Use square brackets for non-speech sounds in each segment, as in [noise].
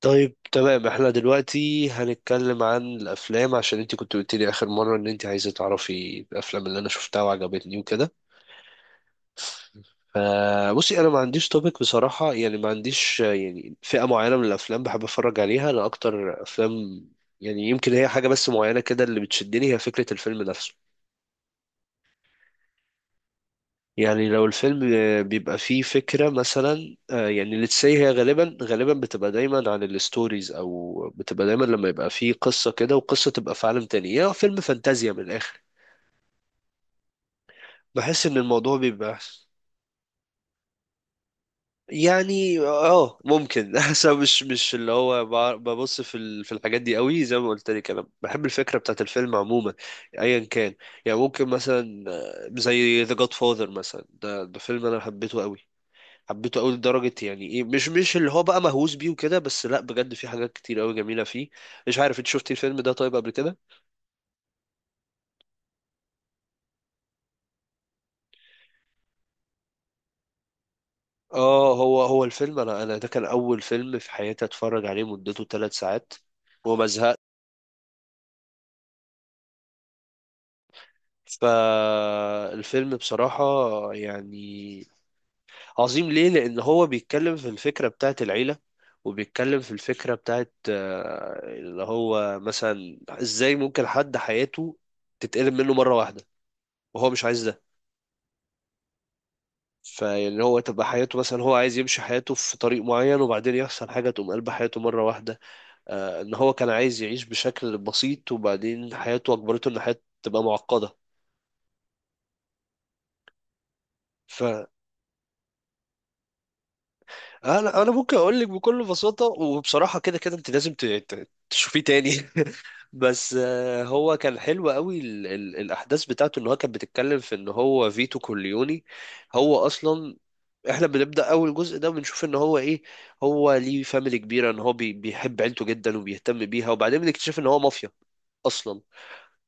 طيب، تمام. احنا دلوقتي هنتكلم عن الافلام، عشان انت كنت قلت لي اخر مره ان انت عايزه تعرفي الافلام اللي انا شفتها وعجبتني وكده. فبصي، انا ما عنديش توبيك بصراحه، يعني ما عنديش يعني فئه معينه من الافلام بحب اتفرج عليها. انا اكتر افلام يعني يمكن هي حاجه بس معينه كده اللي بتشدني هي فكره الفيلم نفسه. يعني لو الفيلم بيبقى فيه فكرة مثلا، يعني let's say، هي غالبا بتبقى دايما عن الستوريز، أو بتبقى دايما لما يبقى فيه قصة كده وقصة تبقى في عالم تاني، يعني فيلم فانتازيا من الآخر. بحس إن الموضوع بيبقى يعني اه ممكن. [laughs] بس أنا مش اللي هو ببص في في الحاجات دي قوي. زي ما قلت لك، انا بحب الفكره بتاعت الفيلم عموما، ايا كان. يعني ممكن مثلا زي The Godfather مثلا. ده فيلم انا حبيته قوي. حبيته قوي لدرجة يعني ايه، مش اللي هو بقى مهووس بيه وكده، بس لا، بجد في حاجات كتير قوي جميلة فيه. مش عارف انت شفتي الفيلم ده طيب قبل كده؟ اه، هو الفيلم، انا ده كان اول فيلم في حياتي اتفرج عليه مدته 3 ساعات وما زهقت. فالفيلم بصراحة يعني عظيم. ليه؟ لان هو بيتكلم في الفكرة بتاعت العيلة، وبيتكلم في الفكرة بتاعت اللي هو مثلا ازاي ممكن حد حياته تتقلب منه مرة واحدة وهو مش عايز ده. فاللي هو تبقى حياته مثلا هو عايز يمشي حياته في طريق معين، وبعدين يحصل حاجة تقوم قلب حياته مرة واحدة. آه، ان هو كان عايز يعيش بشكل بسيط، وبعدين حياته اجبرته ان حياته تبقى معقدة. ف انا ممكن اقول لك بكل بساطه وبصراحه كده، كده انت لازم تشوفيه تاني. [laughs] بس آه، هو كان حلو قوي. ال ال الاحداث بتاعته ان هو كان بتتكلم في ان هو فيتو كورليوني، هو اصلا احنا بنبدا اول جزء ده بنشوف ان هو ايه، هو ليه فاميلي كبيره، ان هو بيحب عيلته جدا وبيهتم بيها، وبعدين بنكتشف ان هو مافيا اصلا،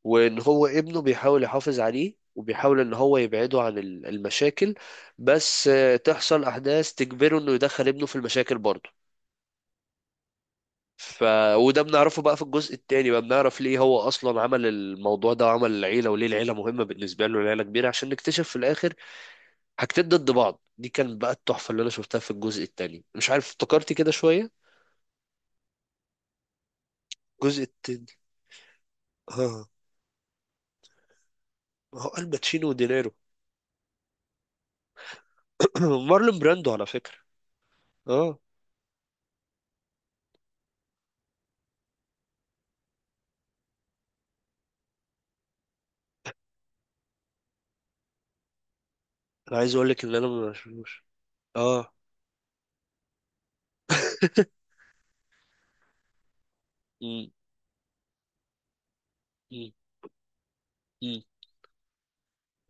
وان هو ابنه بيحاول يحافظ عليه وبيحاول ان هو يبعده عن المشاكل. بس آه، تحصل احداث تجبره انه يدخل ابنه في المشاكل برضه. ف وده بنعرفه بقى في الجزء التاني. بقى بنعرف ليه هو اصلا عمل الموضوع ده وعمل العيله، وليه العيله مهمه بالنسبه له، العيله كبيره، عشان نكتشف في الاخر حاجتين ضد بعض. دي كانت بقى التحفه اللي انا شفتها في الجزء التاني. مش عارف افتكرتي كده شويه؟ الجزء التاني، اه، ما هو الباتشينو ودينيرو. [clears throat] مارلون براندو على فكره. اه، انا عايز اقول لك ان انا ما شفتوش. اه. مم. مم. مم.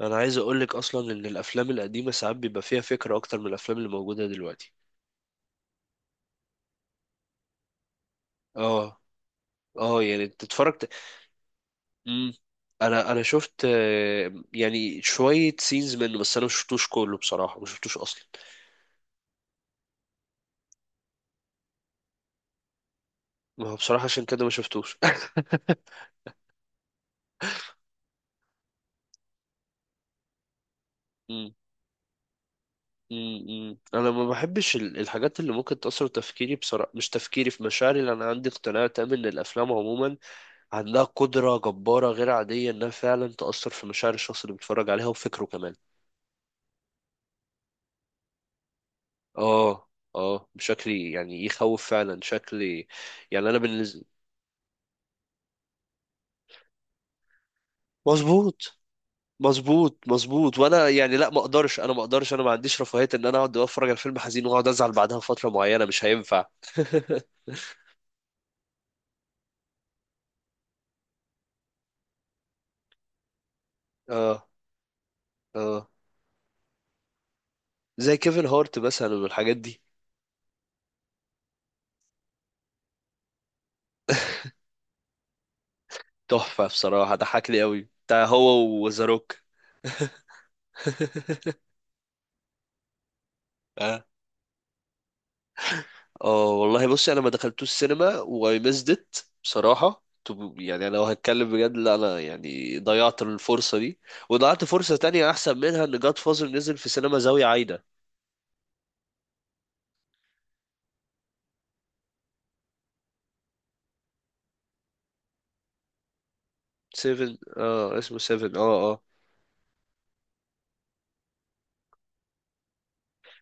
انا عايز اقول لك اصلا ان الافلام القديمه ساعات بيبقى فيها فكره اكتر من الافلام اللي موجوده دلوقتي. اه اه. يعني انت اتفرجت؟ مم. انا شفت يعني شويه سينز منه، بس انا ما شفتوش كله بصراحه، ما شفتوش اصلا. ما هو بصراحه عشان كده ما شفتوش. [laughs] مم. مم. مم. انا ما بحبش الحاجات اللي ممكن تاثر تفكيري، بصراحه مش تفكيري، في مشاعري، لان انا عندي اقتناع تام ان الافلام عموما عندها قدرة جبارة غير عادية إنها فعلا تأثر في مشاعر الشخص اللي بيتفرج عليها وفكره كمان. آه. آه، بشكل يعني يخوف فعلا شكل يعني. أنا بالنسبة، مظبوط مظبوط مظبوط. وأنا يعني لا، ما أقدرش. أنا ما عنديش رفاهية إن أنا أقعد أتفرج على فيلم حزين وأقعد أزعل بعدها فترة معينة. مش هينفع. [laughs] آه. آه، زي كيفن هارت مثلا والحاجات دي. تحفة بصراحة، ضحكني أوي بتاع هو وذا روك. [laughs] اه والله، بصي انا ما دخلتوش السينما واي ميزد ات. بصراحه يعني انا لو هتكلم بجد، لا، انا يعني ضيعت الفرصه دي، وضيعت فرصه تانية احسن منها ان جاد فازر نزل في سينما زاويه عايده. سيفن، اه، اسمه سيفن، اه اه.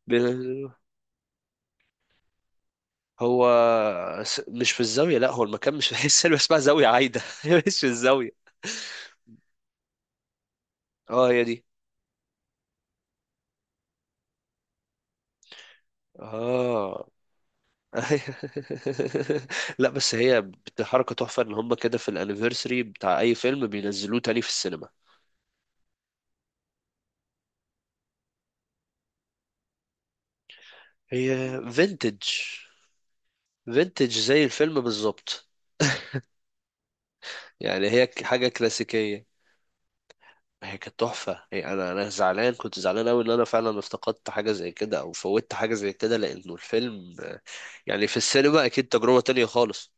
ب- هو مش في الزاويه، لا، هو المكان مش في [laughs] السينما اسمها زاويه عايده [laughs] مش في الزاويه. اه، هي دي. اه. [laughs] لا، بس هي حركه تحفه ان هم كده في الانيفرساري بتاع اي فيلم بينزلوه تاني في السينما. هي فينتج. فينتج زي الفيلم بالظبط. يعني هي حاجة كلاسيكية. هي كانت تحفة. هي، أنا زعلان، كنت زعلان أوي إن أنا فعلا افتقدت حاجة زي كده أو فوتت حاجة زي كده، لأنه الفيلم آه، يعني في السينما أكيد تجربة تانية خالص.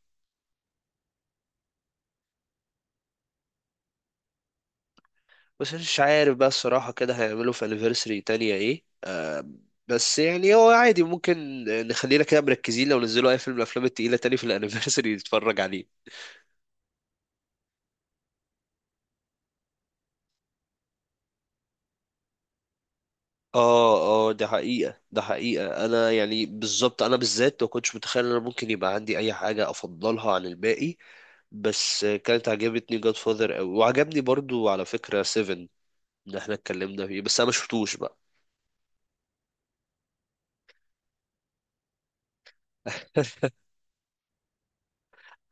بس مش عارف بقى الصراحة كده هيعملوا في أنيفرسري تانية إيه آه، بس يعني هو عادي، ممكن نخلينا كده مركزين لو نزلوا أي فيلم من الأفلام التقيلة تاني في الأنيفرسري نتفرج عليه. اه اه، ده حقيقة، ده حقيقة. انا يعني بالظبط، انا بالذات ما كنتش متخيل ان انا ممكن يبقى عندي اي حاجة افضلها عن الباقي، بس كانت عجبتني جاد فاذر قوي، وعجبني برضو على فكرة سيفن اللي احنا اتكلمنا فيه، بس انا ما شفتوش بقى. [laughs]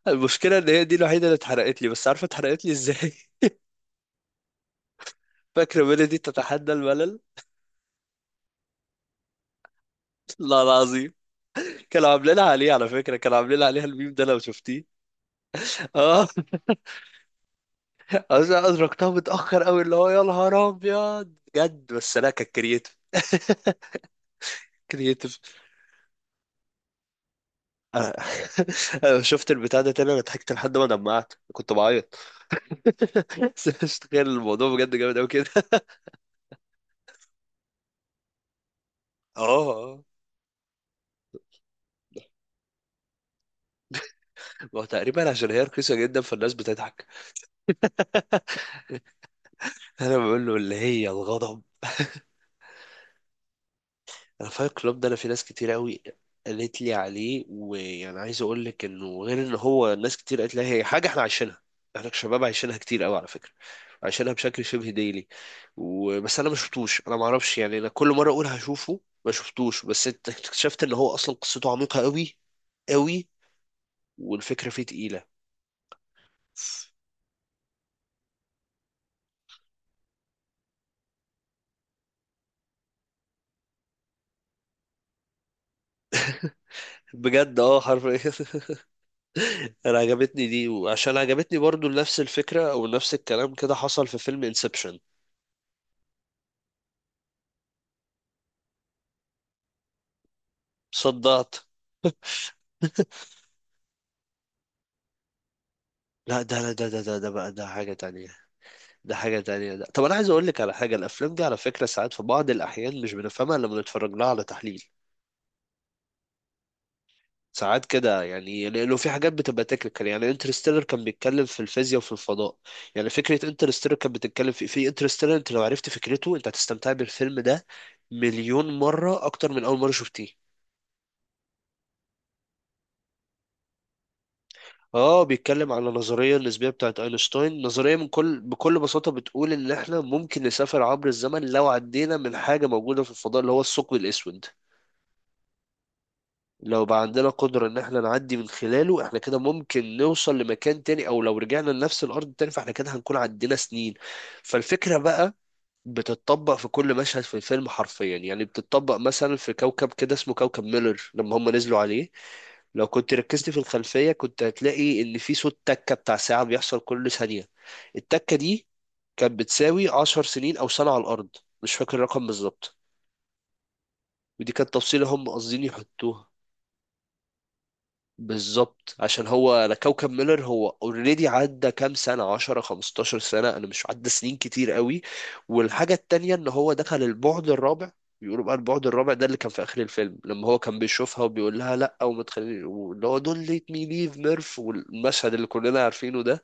المشكلة ان هي دي الوحيدة اللي اتحرقت لي، بس عارفة اتحرقت لي ازاي؟ [laughs] فاكرة ميلودي تتحدى الملل؟ [laughs] لا، العظيم، كانوا عاملين عليه على فكرة، كانوا عاملين عليها الميم ده لو شفتيه. اه، أدركتها متأخر أوي، اللي هو يا نهار أبيض بجد. بس لا، كانت كرييتيف. كرييتيف. أنا [laughs] أنا شفت البتاع ده تاني، أنا ضحكت لحد ما دمعت، كنت بعيط. [laughs] بس مش تخيل الموضوع بجد جامد أوي كده. [laughs] اه. آه. آه. ما هو تقريبا عشان هي رخيصة جدا فالناس بتضحك. أنا بقول له اللي هي الغضب. [laughs] انا فايت كلوب ده، انا في ناس كتير قوي قالت لي عليه، ويعني عايز اقول لك انه غير ان هو ناس كتير قالت لي هي حاجه احنا عايشينها، احنا كشباب عايشينها كتير قوي على فكره، عايشينها بشكل شبه ديلي. وبس انا ما شفتوش، انا ما اعرفش يعني، انا كل مره اقول هشوفه ما شفتوش، بس اكتشفت ان هو اصلا قصته عميقه قوي قوي والفكره فيه تقيله. بجد، اه حرفيا. [laughs] انا عجبتني دي، وعشان عجبتني برضو نفس الفكره او نفس الكلام كده حصل في فيلم انسبشن. صدعت. [laughs] لا، ده لا ده ده ده ده بقى ده حاجة تانية. ده حاجة تانية ده. طب أنا عايز أقول لك على حاجة، الأفلام دي على فكرة ساعات في بعض الأحيان مش بنفهمها إلا لما بنتفرج لها على تحليل ساعات كده، يعني لأنه في حاجات بتبقى تكنيكال. يعني انترستيلر كان بيتكلم في الفيزياء وفي الفضاء. يعني فكرة انترستيلر كانت بتتكلم في انترستيلر. أنت لو عرفت فكرته، أنت هتستمتع بالفيلم ده مليون مرة أكتر من أول مرة شفتيه. اه، بيتكلم على النظرية النسبية بتاعت اينشتاين. نظرية من كل بكل بساطة بتقول ان احنا ممكن نسافر عبر الزمن لو عدينا من حاجة موجودة في الفضاء اللي هو الثقب الاسود. لو بقى عندنا قدرة ان احنا نعدي من خلاله، احنا كده ممكن نوصل لمكان تاني، او لو رجعنا لنفس الارض تاني، فاحنا كده هنكون عدينا سنين. فالفكرة بقى بتتطبق في كل مشهد في الفيلم حرفيا. يعني بتتطبق مثلا في كوكب كده اسمه كوكب ميلر لما هم نزلوا عليه، لو كنت ركزت في الخلفية كنت هتلاقي اللي فيه صوت تكة بتاع ساعة بيحصل كل ثانية. التكة دي كانت بتساوي 10 سنين أو سنة على الأرض، مش فاكر الرقم بالظبط، ودي كانت تفصيلة هم قاصدين يحطوها. بالظبط، عشان هو انا كوكب ميلر هو اوريدي عدى كام سنه، 10 15 سنه، انا مش عدى سنين كتير قوي. والحاجه التانية ان هو دخل البعد الرابع. بيقولوا بقى البعد الرابع ده اللي كان في اخر الفيلم لما هو كان بيشوفها وبيقول لها لا، وما تخليني، واللي هو دون ليت مي ليف ميرف، والمشهد اللي كلنا عارفينه ده،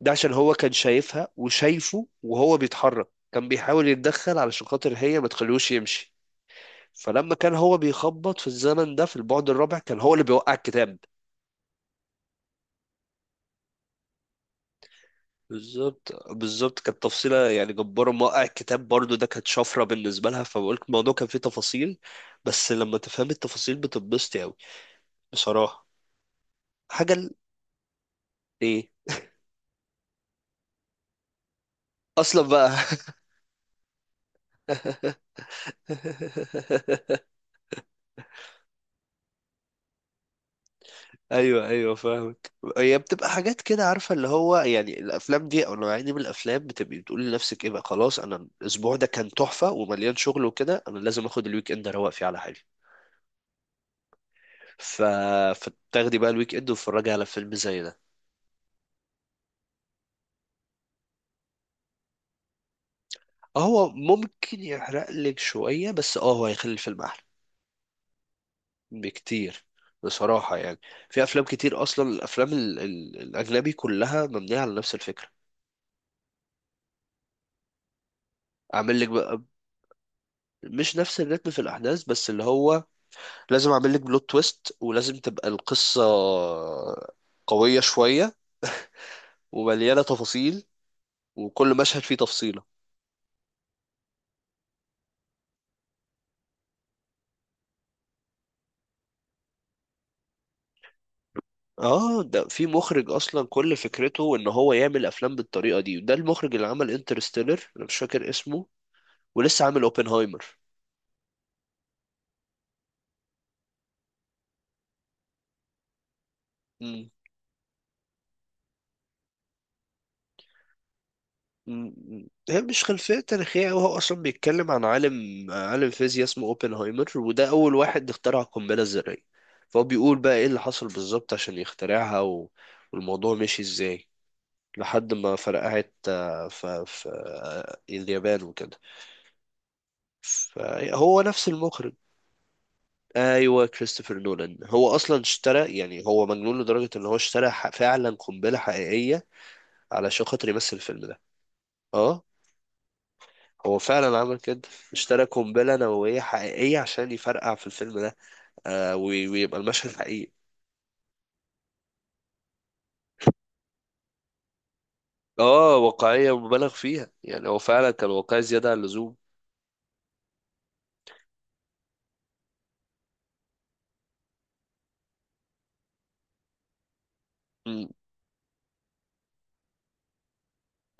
ده عشان هو كان شايفها وشايفه، وهو بيتحرك كان بيحاول يتدخل علشان خاطر هي ما تخليهوش يمشي. فلما كان هو بيخبط في الزمن ده في البعد الرابع، كان هو اللي بيوقع الكتاب. بالظبط. كانت تفصيلة يعني جبارة. موقع الكتاب برضو ده كانت شفرة بالنسبة لها، فبقولك الموضوع كان فيه تفاصيل، بس لما تفهم التفاصيل بتتبسطي أوي بصراحة. حاجة ال... إيه أصلا بقى. [laughs] أيوه أيوه، فاهمك. هي بتبقى حاجات كده، عارفة اللي هو يعني الأفلام دي أو النوعية دي من الأفلام بتبقي بتقولي لنفسك إيه بقى، خلاص أنا الأسبوع ده كان تحفة ومليان شغل وكده، أنا لازم آخد الويك إند أروق فيه على حالي. ف... فتاخدي بقى الويك إند وتتفرجي على فيلم زي ده. هو ممكن يحرق لك شوية، بس اه هو هيخلي الفيلم أحلى بكتير، بصراحة يعني. في أفلام كتير أصلا، الأفلام ال ال الأجنبي كلها مبنية على نفس الفكرة. أعمل لك بقى، مش نفس الريتم في الأحداث، بس اللي هو لازم أعمل لك بلوت تويست، ولازم تبقى القصة قوية شوية ومليانة تفاصيل، وكل مشهد فيه تفصيلة. اه، ده في مخرج اصلا كل فكرته ان هو يعمل افلام بالطريقه دي. ده المخرج اللي عمل انترستيلر، انا مش فاكر اسمه، ولسه عامل اوبنهايمر. مم. مم. هي مش خلفية تاريخية أوي، هو أصلا بيتكلم عن عالم فيزياء اسمه أوبنهايمر، وده أول واحد اخترع القنبلة الذرية. فهو بيقول بقى إيه اللي حصل بالظبط عشان يخترعها، و... والموضوع مشي إزاي لحد ما فرقعت آه، ف... في آه، اليابان وكده. فهو نفس المخرج. أيوه كريستوفر نولان. هو أصلا اشترى، يعني هو مجنون لدرجة إن هو اشترى فعلا قنبلة حقيقية علشان خاطر يمثل الفيلم ده. اه، هو فعلا عمل كده. اشترى قنبلة نووية حقيقية عشان يفرقع في الفيلم ده، آه، ويبقى المشهد حقيقي. اه، واقعية مبالغ فيها، يعني هو فعلا كان واقعي زيادة عن اللزوم. مم.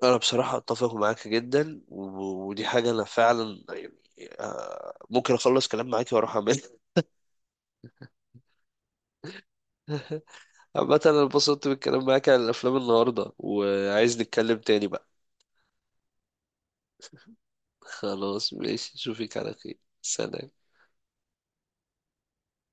انا بصراحة اتفق معاك جدا، ودي حاجة انا فعلا يعني آه ممكن اخلص كلام معاك واروح اعملها. [laughs] عامة انا اتبسطت بالكلام معاك عن الافلام النهاردة، وعايز نتكلم تاني بقى. [laughs] خلاص، ماشي. اشوفك على خير. سلام.